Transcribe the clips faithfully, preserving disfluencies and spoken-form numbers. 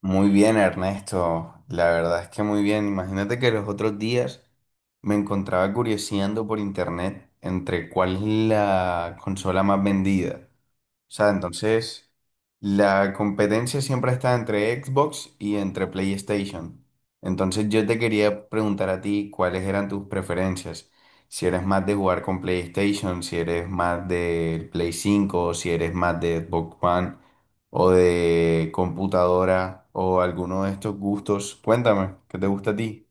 Muy bien, Ernesto. La verdad es que muy bien. Imagínate que los otros días me encontraba curioseando por internet entre cuál es la consola más vendida. O sea, entonces la competencia siempre está entre Xbox y entre PlayStation. Entonces yo te quería preguntar a ti cuáles eran tus preferencias. Si eres más de jugar con PlayStation, si eres más del Play cinco o si eres más de Xbox One o de computadora o alguno de estos gustos. Cuéntame, ¿qué te gusta a ti?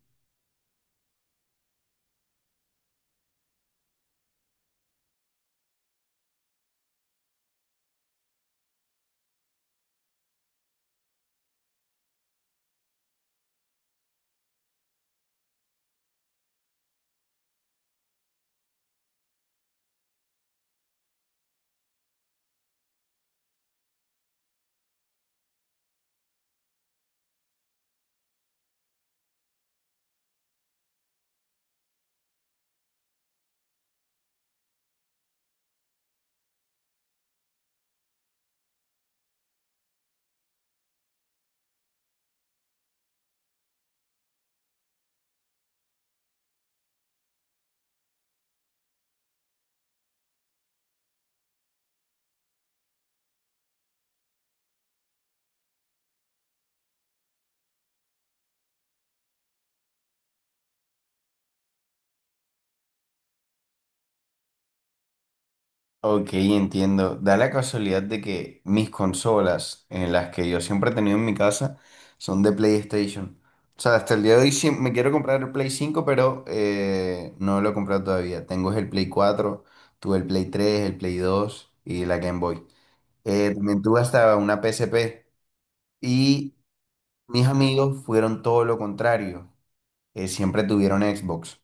Ok, entiendo. Da la casualidad de que mis consolas, en las que yo siempre he tenido en mi casa, son de PlayStation. O sea, hasta el día de hoy sí me quiero comprar el Play cinco pero eh, no lo he comprado todavía. Tengo es el Play cuatro, tuve el Play tres, el Play dos y la Game Boy. Eh, también tuve hasta una P S P. Y mis amigos fueron todo lo contrario. Eh, siempre tuvieron Xbox.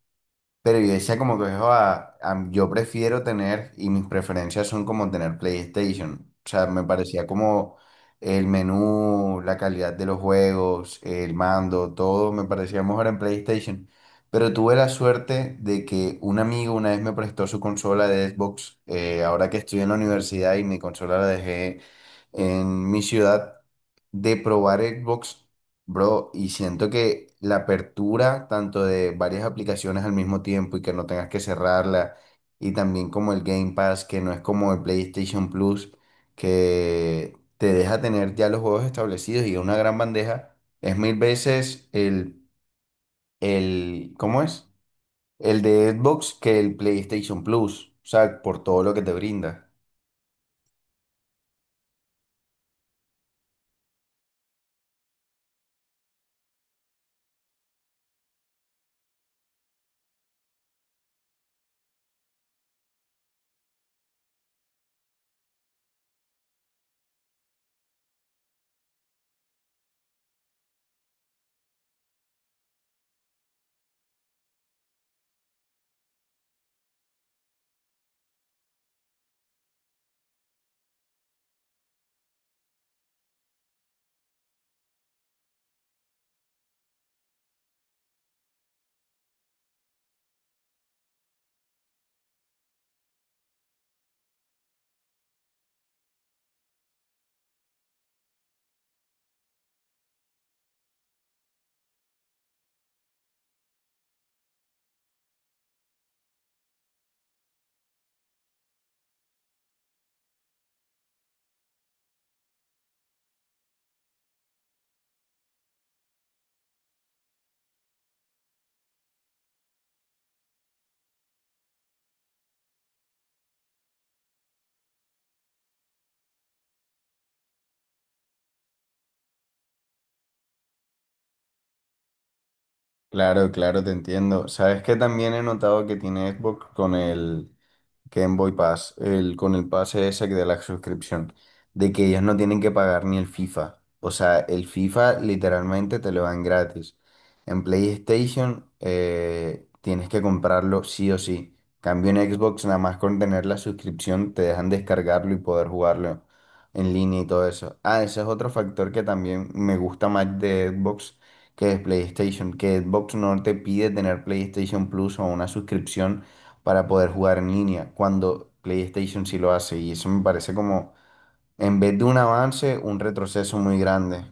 Pero yo decía como que "Joa, am- yo prefiero tener, y mis preferencias son como tener PlayStation". O sea, me parecía como el menú, la calidad de los juegos, el mando, todo me parecía mejor en PlayStation. Pero tuve la suerte de que un amigo una vez me prestó su consola de Xbox, eh, ahora que estoy en la universidad y mi consola la dejé en mi ciudad, de probar Xbox, bro, y siento que la apertura tanto de varias aplicaciones al mismo tiempo y que no tengas que cerrarla, y también como el Game Pass, que no es como el PlayStation Plus, que te deja tener ya los juegos establecidos y una gran bandeja, es mil veces el, el, ¿cómo es? el de Xbox que el PlayStation Plus, o sea, por todo lo que te brinda. Claro, claro, te entiendo. Sabes que también he notado que tiene Xbox con el, Game Boy Pass, el, con el pase ese de la suscripción, de que ellos no tienen que pagar ni el FIFA. O sea, el FIFA literalmente te lo dan gratis. En PlayStation eh, tienes que comprarlo sí o sí. Cambio en Xbox, nada más con tener la suscripción, te dejan descargarlo y poder jugarlo en línea y todo eso. Ah, ese es otro factor que también me gusta más de Xbox que de PlayStation, que Xbox no te pide tener PlayStation Plus o una suscripción para poder jugar en línea, cuando PlayStation sí lo hace. Y eso me parece como, en vez de un avance, un retroceso muy grande.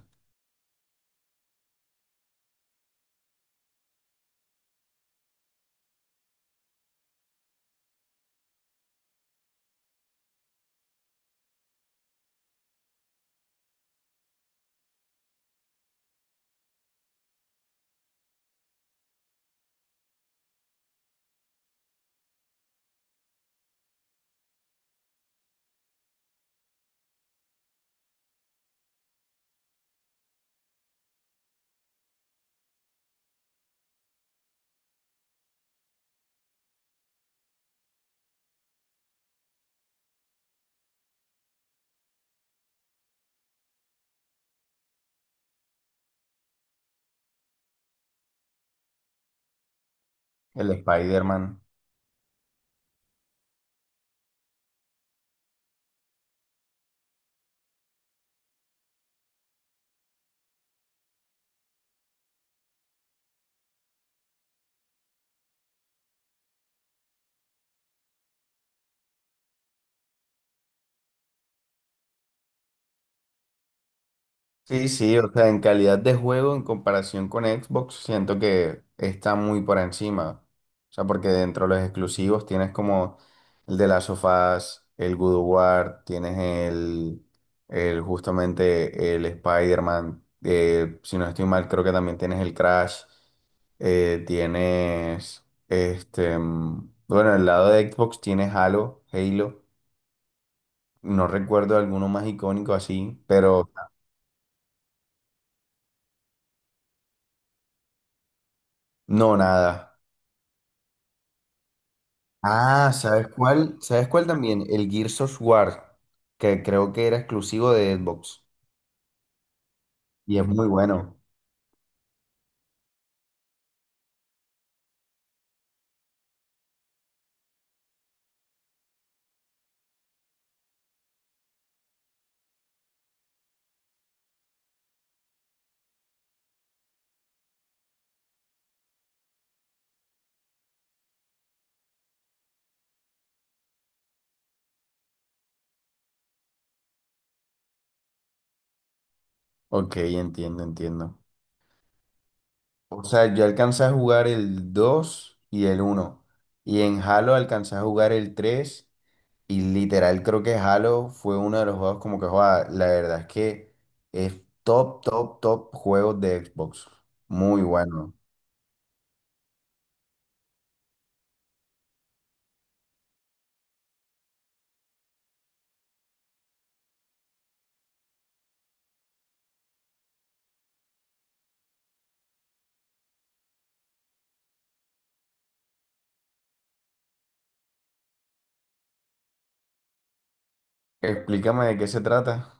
El Spider-Man. Sí, sí, o sea, en calidad de juego en comparación con Xbox, siento que está muy por encima. O sea, porque dentro de los exclusivos tienes como el de las sofás, el God of War, tienes el, el justamente el Spider-Man, eh, si no estoy mal, creo que también tienes el Crash, eh, tienes este, mm, bueno, el lado de Xbox tienes Halo, Halo, no recuerdo alguno más icónico así, pero no, nada. Ah, ¿sabes cuál? ¿Sabes cuál también? El Gears of War, que creo que era exclusivo de Xbox. Y es muy bueno. Ok, entiendo, entiendo. O sea, yo alcancé a jugar el dos y el uno. Y en Halo alcancé a jugar el tres. Y literal creo que Halo fue uno de los juegos como que joda. La verdad es que es top, top, top juegos de Xbox. Muy bueno. Explícame de qué se trata.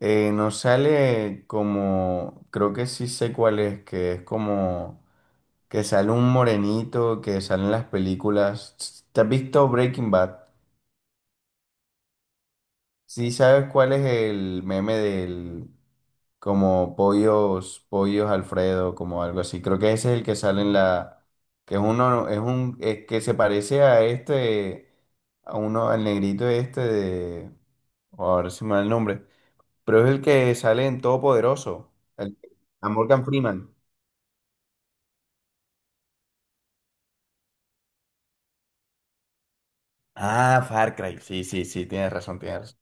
Eh, nos sale como, creo que sí sé cuál es, que es como que sale un morenito, que sale en las películas. ¿Te has visto Breaking Bad? Sí sabes cuál es el meme del como pollos, pollos Alfredo, como algo así. Creo que ese es el que sale en la, que es uno, es un, es que se parece a este, a uno, al negrito este de, ahora se me va el nombre. Pero es el que sale en Todopoderoso, el, a Morgan Freeman. Ah, Far Cry. Sí, sí, sí, tienes razón, tienes razón.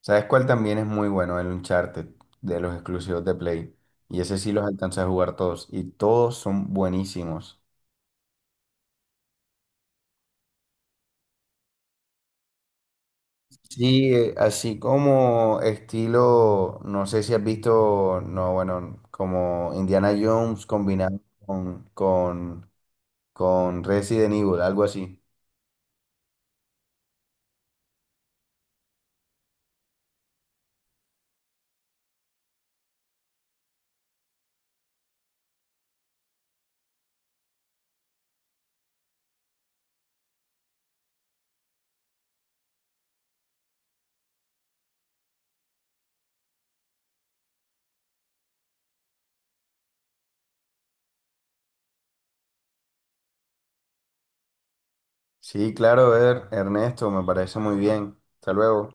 ¿Sabes cuál también es muy bueno? El Uncharted, de los exclusivos de Play. Y ese sí los alcancé a jugar todos. Y todos son buenísimos. Sí, eh, así como estilo, no sé si has visto, no, bueno, como Indiana Jones combinado con, con, con Resident Evil, algo así. Sí, claro, Ver, Ernesto, me parece muy bien. Hasta luego.